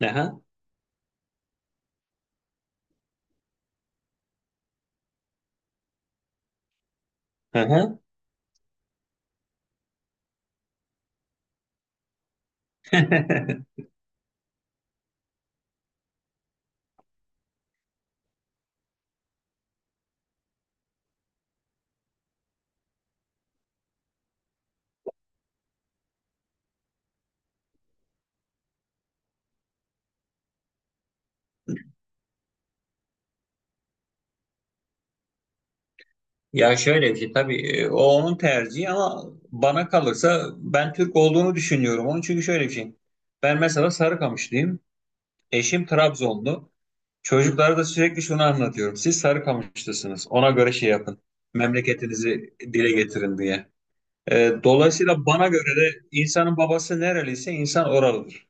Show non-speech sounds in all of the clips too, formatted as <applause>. Aha, aha. <laughs> Ya şöyle bir şey tabii o onun tercihi ama bana kalırsa ben Türk olduğunu düşünüyorum onun çünkü şöyle bir şey. Ben mesela Sarıkamışlıyım. Eşim Trabzonlu. Çocuklara da sürekli şunu anlatıyorum. Siz Sarıkamışlısınız. Ona göre şey yapın. Memleketinizi dile getirin diye. Dolayısıyla bana göre de insanın babası nereliyse insan oralıdır.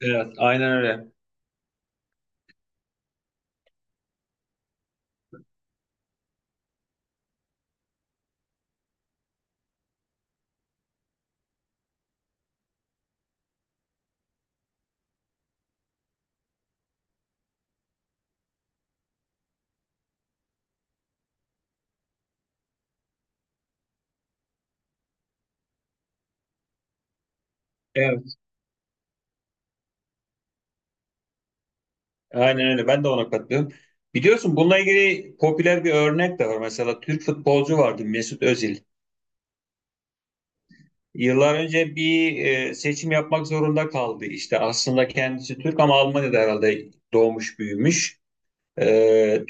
Evet, aynen öyle. Evet. Aynen öyle. Ben de ona katılıyorum. Biliyorsun bununla ilgili popüler bir örnek de var. Mesela Türk futbolcu vardı Mesut Özil. Yıllar önce bir seçim yapmak zorunda kaldı. İşte aslında kendisi Türk ama Almanya'da herhalde doğmuş büyümüş.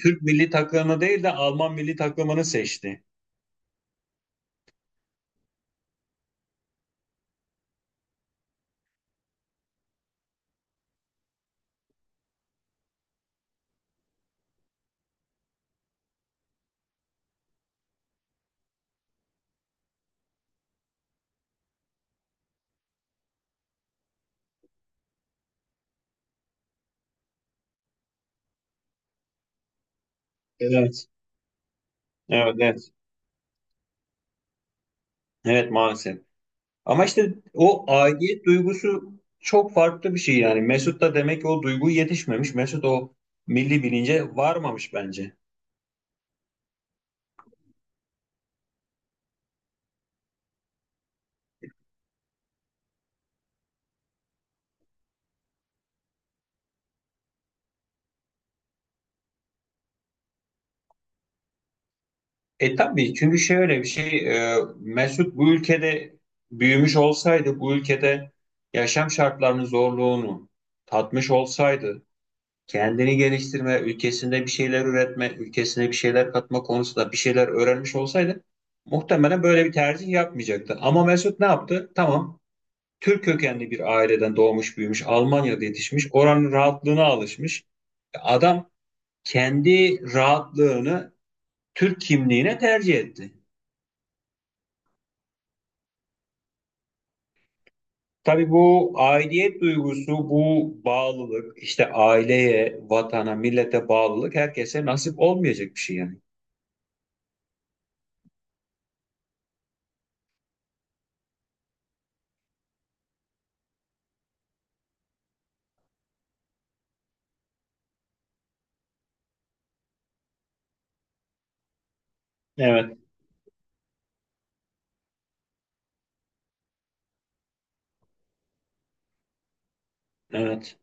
Türk milli takımını değil de Alman milli takımını seçti. Evet. Evet, evet. Evet maalesef. Ama işte o aidiyet duygusu çok farklı bir şey yani. Mesut da demek ki o duygu yetişmemiş. Mesut o milli bilince varmamış bence. E tabii çünkü şöyle bir şey, Mesut bu ülkede büyümüş olsaydı bu ülkede yaşam şartlarının zorluğunu tatmış olsaydı kendini geliştirme, ülkesinde bir şeyler üretme, ülkesine bir şeyler katma konusunda bir şeyler öğrenmiş olsaydı muhtemelen böyle bir tercih yapmayacaktı. Ama Mesut ne yaptı? Tamam, Türk kökenli bir aileden doğmuş büyümüş, Almanya'da yetişmiş, oranın rahatlığına alışmış. Adam kendi rahatlığını Türk kimliğine tercih etti. Tabii bu aidiyet duygusu, bu bağlılık, işte aileye, vatana, millete bağlılık herkese nasip olmayacak bir şey yani. Evet, evet.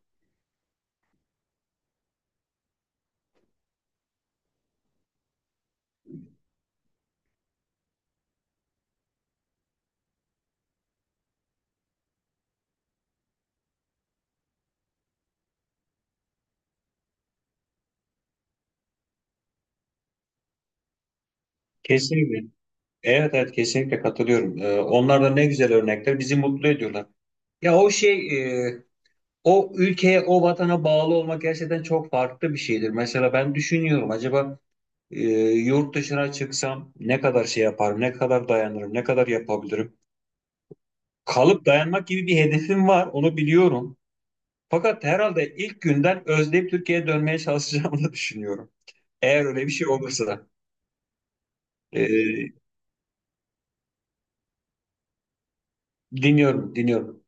Kesinlikle. Evet, evet kesinlikle katılıyorum. Onlar da ne güzel örnekler, bizi mutlu ediyorlar. Ya o şey, e, o ülkeye, o vatana bağlı olmak gerçekten çok farklı bir şeydir. Mesela ben düşünüyorum acaba, e, yurt dışına çıksam ne kadar şey yaparım, ne kadar dayanırım, ne kadar yapabilirim. Kalıp dayanmak gibi bir hedefim var, onu biliyorum. Fakat herhalde ilk günden özleyip Türkiye'ye dönmeye çalışacağımı <laughs> da düşünüyorum. Eğer öyle bir şey olursa. E, Dinliyorum, dinliyorum.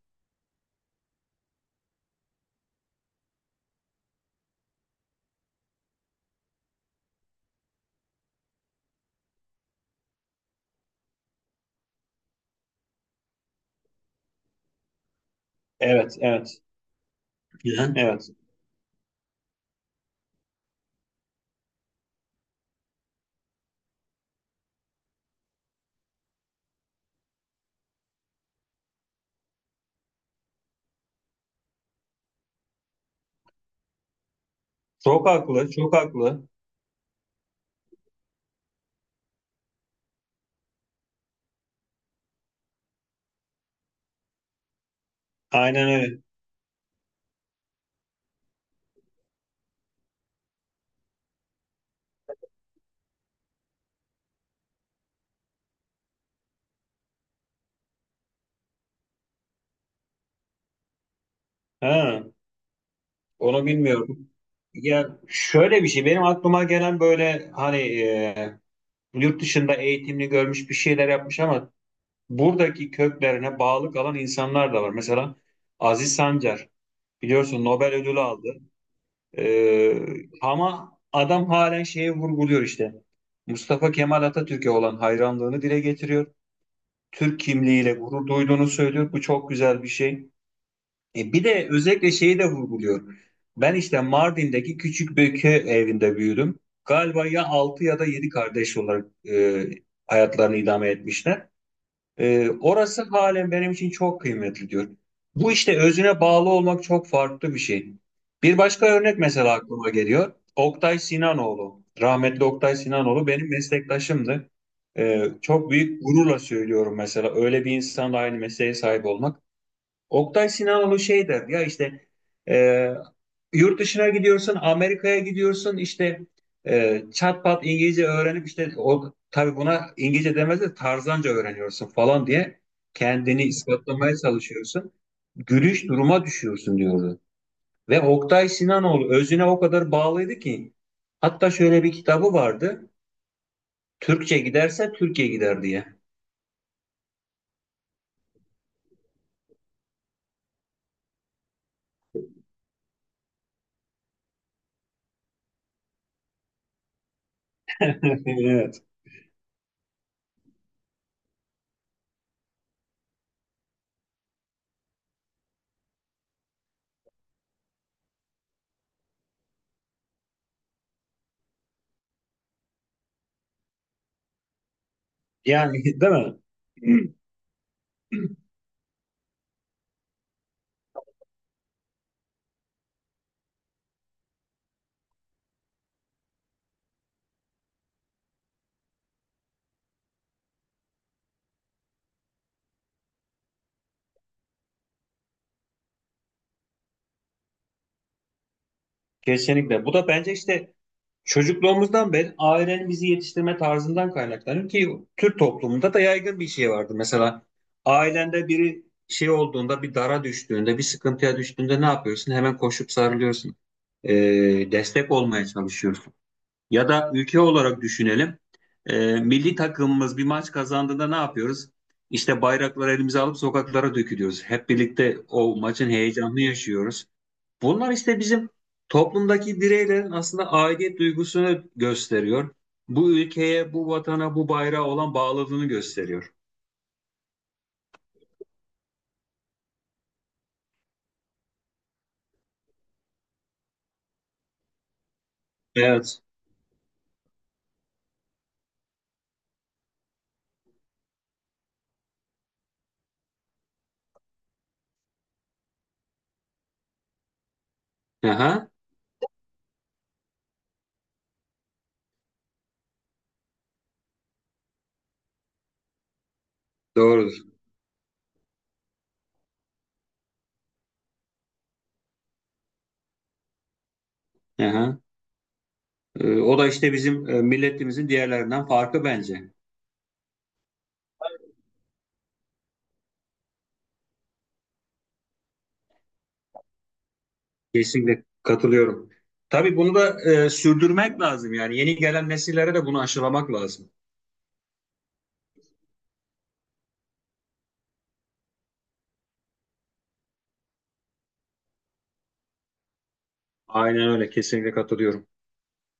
Evet, evet. Hı hı. Evet. Çok haklı, çok haklı. Aynen öyle. Ha. Onu bilmiyorum. Ya şöyle bir şey benim aklıma gelen, böyle hani, yurt dışında eğitimli görmüş bir şeyler yapmış ama buradaki köklerine bağlı kalan insanlar da var. Mesela Aziz Sancar, biliyorsun Nobel ödülü aldı. Ama adam halen şeye vurguluyor işte. Mustafa Kemal Atatürk'e olan hayranlığını dile getiriyor. Türk kimliğiyle gurur duyduğunu söylüyor. Bu çok güzel bir şey. Bir de özellikle şeyi de vurguluyor. Ben işte Mardin'deki küçük bir köy evinde büyüdüm. Galiba ya altı ya da 7 kardeş olarak hayatlarını idame etmişler. Orası halen benim için çok kıymetli diyor. Bu işte özüne bağlı olmak çok farklı bir şey. Bir başka örnek mesela aklıma geliyor. Oktay Sinanoğlu, rahmetli Oktay Sinanoğlu benim meslektaşımdı. Çok büyük gururla söylüyorum mesela öyle bir insanla aynı mesleğe sahip olmak. Oktay Sinanoğlu şey der ya işte, e, yurt dışına gidiyorsun, Amerika'ya gidiyorsun, işte çat pat İngilizce öğrenip, işte o tabii buna İngilizce demez de tarzanca öğreniyorsun falan diye kendini ispatlamaya çalışıyorsun. Gülüş duruma düşüyorsun diyordu. Ve Oktay Sinanoğlu özüne o kadar bağlıydı ki hatta şöyle bir kitabı vardı. Türkçe giderse Türkiye gider diye. <laughs> Evet. Yani değil mi? Kesinlikle. Bu da bence işte çocukluğumuzdan beri ailenin bizi yetiştirme tarzından kaynaklanıyor ki Türk toplumunda da yaygın bir şey vardı. Mesela ailende biri şey olduğunda, bir dara düştüğünde, bir sıkıntıya düştüğünde ne yapıyorsun? Hemen koşup sarılıyorsun. Destek olmaya çalışıyorsun. Ya da ülke olarak düşünelim. Milli takımımız bir maç kazandığında ne yapıyoruz? İşte bayrakları elimize alıp sokaklara dökülüyoruz. Hep birlikte o maçın heyecanını yaşıyoruz. Bunlar işte bizim toplumdaki bireylerin aslında aidiyet duygusunu gösteriyor. Bu ülkeye, bu vatana, bu bayrağa olan bağlılığını gösteriyor. Evet. Aha, doğrudur. Aha. O da işte bizim, milletimizin diğerlerinden farkı bence. Kesinlikle katılıyorum. Tabii bunu da, sürdürmek lazım yani. Yeni gelen nesillere de bunu aşılamak lazım. Aynen öyle, kesinlikle katılıyorum.